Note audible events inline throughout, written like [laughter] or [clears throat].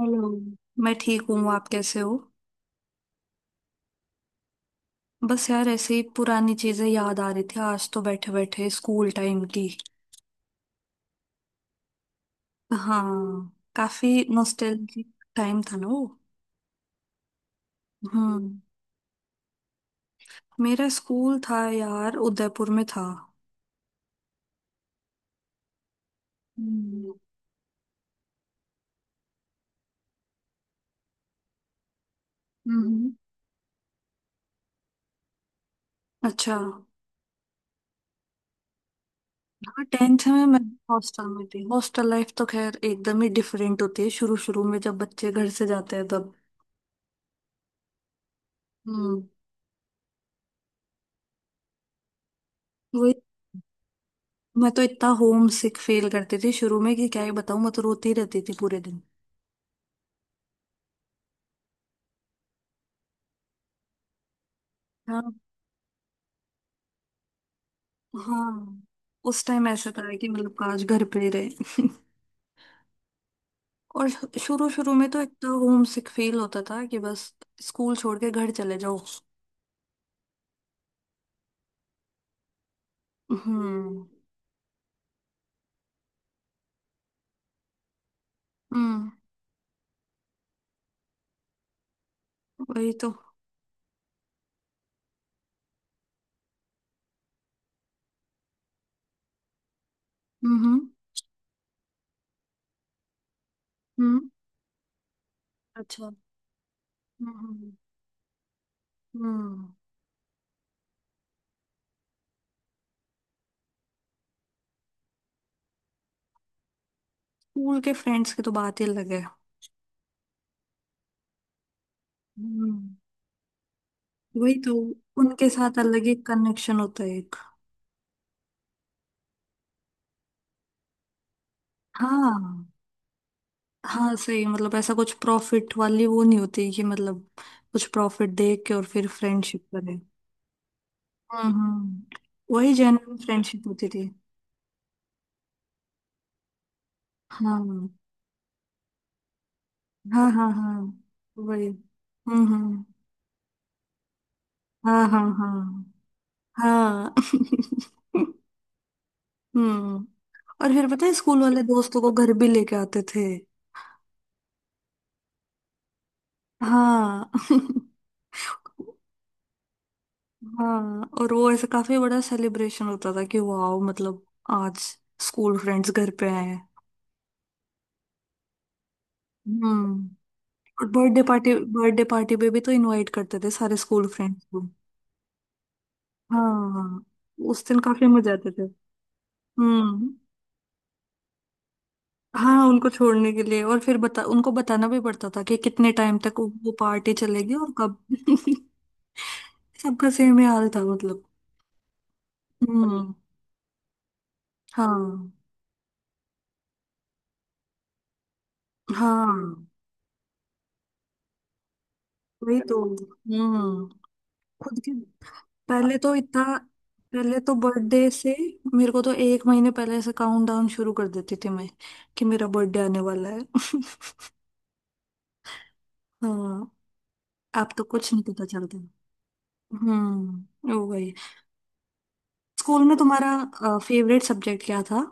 Hello. मैं ठीक हूँ, आप कैसे हो? बस यार, ऐसे ही पुरानी चीजें याद आ रही थी आज तो, बैठे बैठे स्कूल टाइम की। हाँ। काफी नॉस्टैल्जिक टाइम था ना वो। हम्म। मेरा स्कूल था यार, उदयपुर में था। हम्म। हम्म। अच्छा। हाँ, 10th में मैं हॉस्टल में थी। हॉस्टल लाइफ तो खैर एकदम ही डिफरेंट होती है शुरू शुरू में, जब बच्चे घर से जाते हैं तब। हम्म। वही। मैं तो इतना होम सिक फील करती थी शुरू में कि क्या ही बताऊं, मैं तो रोती रहती थी पूरे दिन। हाँ। हाँ, उस टाइम ऐसा था कि मतलब काश घर पे ही रहे। [laughs] और शुरू शुरू में तो इतना होम सिक फील होता था कि बस स्कूल छोड़ के घर चले जाओ। हम्म। हम्म। वही तो। हम्म। हम्म। अच्छा। हम्म। हम्म। स्कूल के फ्रेंड्स की तो बात ही अलग है। हम्म। वही तो, उनके साथ अलग ही कनेक्शन होता है एक। हाँ। हाँ सही, मतलब ऐसा कुछ प्रॉफिट वाली वो नहीं होती कि मतलब कुछ प्रॉफिट दे के और फिर फ्रेंडशिप करें। हाँ। हाँ। वही जेन्युइन फ्रेंडशिप होती थी। हाँ। हाँ। हाँ। हाँ। वही। हम्म। हम्म। हाँ। हाँ। हाँ। हाँ। [laughs] हम्म। और फिर पता है, स्कूल वाले दोस्तों को घर भी लेके आते थे। हाँ। [laughs] हाँ, और वो ऐसे काफी बड़ा सेलिब्रेशन होता था कि वाओ मतलब, आज स्कूल फ्रेंड्स घर पे आए हैं। हम्म। और बर्थडे पार्टी पे भी तो इनवाइट करते थे सारे स्कूल फ्रेंड्स। हाँ। उस दिन काफी मजे आते थे। हम्म। हाँ, उनको छोड़ने के लिए। और फिर बता उनको बताना भी पड़ता था कि कितने टाइम तक वो पार्टी चलेगी और कब। [laughs] सबका सेम ही हाल था मतलब। हम्म। हाँ। हाँ। वही तो। हम्म। खुद के। पहले तो इतना, पहले तो बर्थडे से, मेरे को तो एक महीने पहले से काउंटडाउन शुरू कर देती थी मैं कि मेरा बर्थडे आने वाला है। [laughs] हाँ। अब तो कुछ नहीं पता चलता। हम्म। वो वही। स्कूल में तुम्हारा फेवरेट सब्जेक्ट क्या था?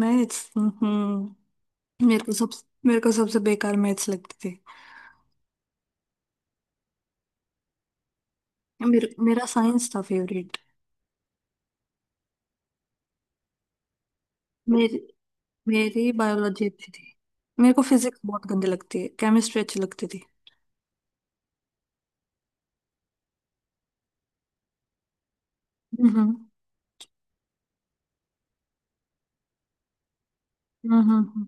मैथ्स। हम्म। मेरे को सब मेरे को सबसे बेकार मैथ्स लगती थी। मेरा साइंस था फेवरेट। मेरी मेरी बायोलॉजी अच्छी थी। मेरे को फिजिक्स बहुत गंदी लगती है, केमिस्ट्री अच्छी लगती थी। हम्म। हम्म।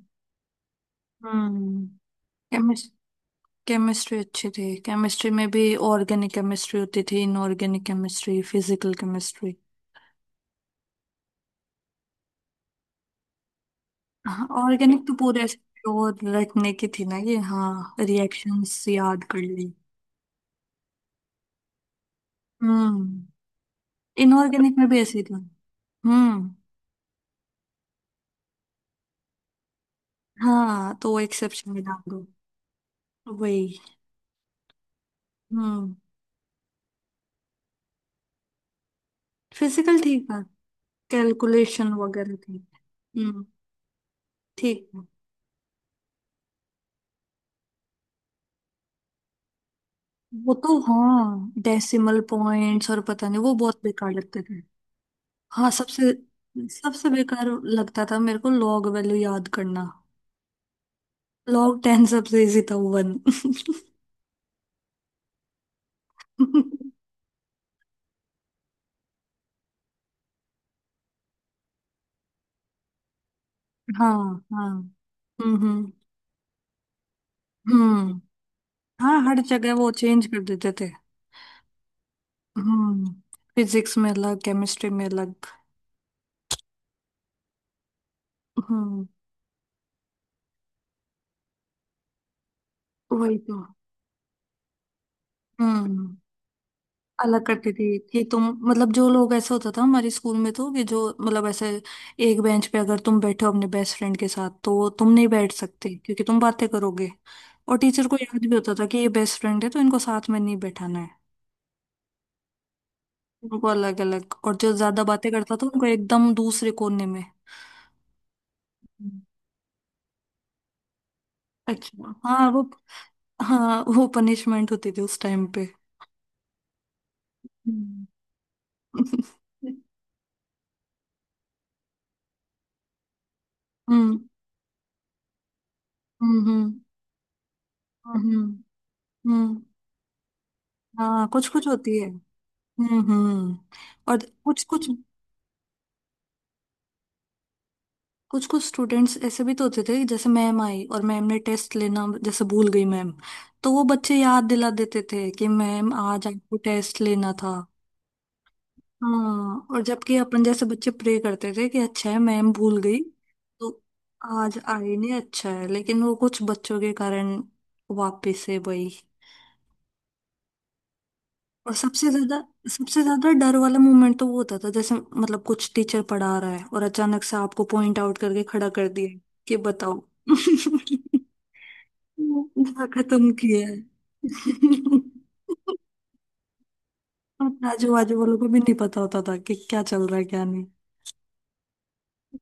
हम्म। केमिस्ट्री अच्छी थी। केमिस्ट्री में भी ऑर्गेनिक केमिस्ट्री होती थी, इनऑर्गेनिक केमिस्ट्री, फिजिकल केमिस्ट्री। हाँ, ऑर्गेनिक तो पूरे ऐसे वो रखने की थी ना, ये हाँ रिएक्शंस याद कर ली। हम्म। इनऑर्गेनिक में भी ऐसे ही था। हम्म। हाँ, तो वो एक्सेप्शन में डाल दो। वही। हम्म। फिजिकल ठीक था। कैलकुलेशन वगैरह थी। हम्म। ठीक है। वो तो हाँ, डेसिमल पॉइंट्स और पता नहीं, वो बहुत बेकार लगते थे। हाँ सबसे सबसे बेकार लगता था मेरे को लॉग वैल्यू याद करना। लॉग टेन सबसे इजी था, वन। [laughs] हाँ। हाँ। हम्म। हम्म। हम्म। हाँ, हर जगह वो चेंज कर देते थे। हम्म। फिजिक्स में अलग, केमिस्ट्री में अलग। हम्म। वही तो। हम्म। अलग करती थी कि तुम, मतलब जो लोग, ऐसा होता था हमारे स्कूल में तो कि जो मतलब ऐसे एक बेंच पे अगर तुम बैठे हो अपने बेस्ट फ्रेंड के साथ तो तुम नहीं बैठ सकते क्योंकि तुम बातें करोगे। और टीचर को याद भी होता था कि ये बेस्ट फ्रेंड है तो इनको साथ में नहीं बैठाना है। उनको अलग अलग, और जो ज्यादा बातें करता था उनको एकदम दूसरे कोने में। अच्छा। हाँ वो। हाँ वो पनिशमेंट होती थी उस टाइम पे। हम्म। हम्म। हम्म। हम्म। हम्म। हम्म। हाँ, कुछ कुछ होती है। हम्म। हम्म। और कुछ कुछ। कुछ कुछ स्टूडेंट्स ऐसे भी तो होते थे कि जैसे मैम आई और मैम ने टेस्ट लेना जैसे भूल गई मैम। तो वो बच्चे याद दिला देते थे कि मैम आज आपको टेस्ट लेना था। हाँ। और जबकि अपन जैसे बच्चे प्रे करते थे कि अच्छा है मैम भूल गई। तो आज आई नहीं, अच्छा है, लेकिन वो कुछ बच्चों के कारण वापिस है वही। और सबसे ज्यादा डर वाला मोमेंट तो वो होता था जैसे मतलब कुछ टीचर पढ़ा रहा है और अचानक से आपको पॉइंट आउट करके खड़ा कर दिया कि बताओ। [laughs] ना, खत्म किया है। [laughs] और आजू बाजू वालों को भी नहीं पता होता था कि क्या चल रहा है, क्या नहीं।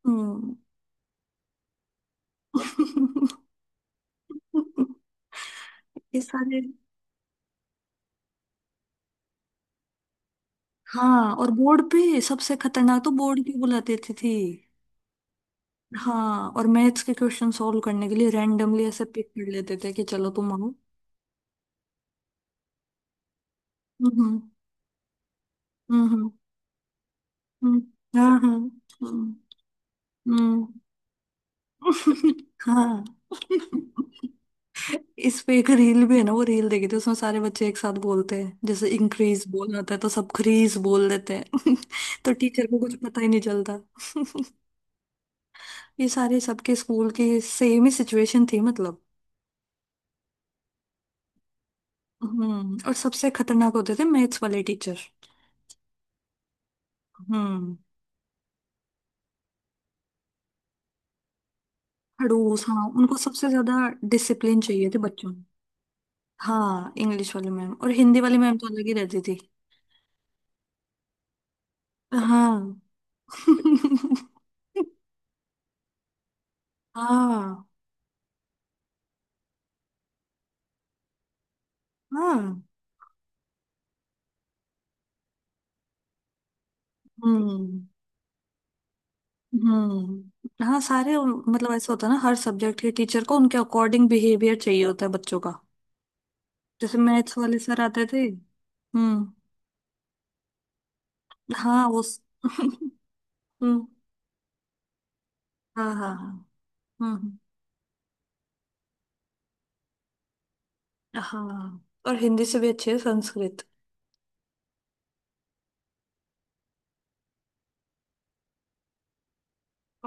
हम्म। [laughs] ये सारे। हाँ, और बोर्ड पे सबसे खतरनाक तो, बोर्ड की बुलाते थे थी। हाँ, और मैथ्स के क्वेश्चन सॉल्व करने के लिए रैंडमली ऐसे पिक कर लेते थे कि चलो तुम आओ। हम्म। हम्म। हम्म। हम्म। हाँ। हाँ। हम्म। हम्म। [laughs] हाँ। इस पे एक रील भी है ना, वो रील देखी थी उसमें सारे बच्चे एक साथ बोलते हैं जैसे इंक्रीज बोलना होता है तो सब क्रीज बोल देते हैं। [laughs] तो टीचर को कुछ पता ही नहीं चलता। [laughs] ये सारे, सबके स्कूल की सेम ही सिचुएशन थी मतलब। हम्म। और सबसे खतरनाक होते थे मैथ्स वाले टीचर। हम्म। खड़ूस। हाँ, उनको सबसे ज्यादा डिसिप्लिन चाहिए थे बच्चों में। हाँ, इंग्लिश वाले मैम और हिंदी वाली मैम तो अलग ही रहती थी। हाँ। [laughs] हाँ। हाँ। हम्म। हम्म। हाँ, सारे मतलब ऐसा होता है ना, हर सब्जेक्ट के टीचर को उनके अकॉर्डिंग बिहेवियर चाहिए होता है बच्चों का। जैसे मैथ्स वाले सर आते थे। हम्म। हाँ वो। [laughs] हम्म। हाँ। हाँ। हाँ। हम्म। हम्म। हाँ, और हिंदी से भी अच्छी है Sanskrit.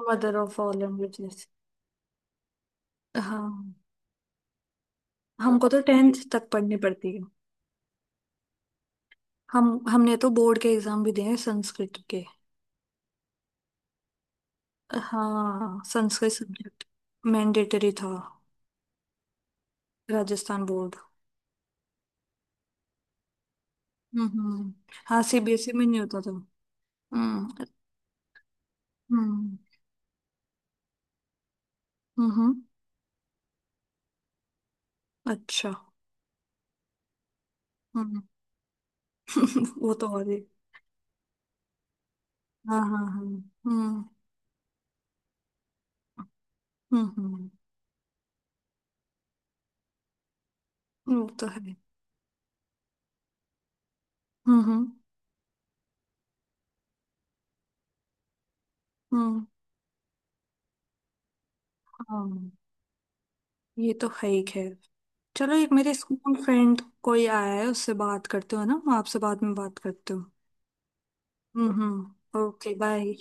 Mother of all languages. हाँ, हमको तो 10th तक पढ़नी पड़ती है। हम हमने तो बोर्ड के एग्जाम भी दिए हैं संस्कृत के। हाँ, संस्कृत सब्जेक्ट मैंडेटरी था। राजस्थान बोर्ड। हम्म। हम्म। हाँ, सीबीएसई में नहीं होता था। हम्म। हम्म। हम्म। हम्म। अच्छा। हम्म। [clears throat] वो तो और ही। हाँ। हाँ। हाँ। हम्म। हम्म। हम्म। वो तो है। हम्म। हम्म। हम्म। हाँ, ये तो है ही खैर। चलो, एक मेरे स्कूल फ्रेंड कोई आया है, उससे बात करते हो ना? मैं आपसे बाद में बात करती हूँ। हम्म। हम्म। ओके। बाय।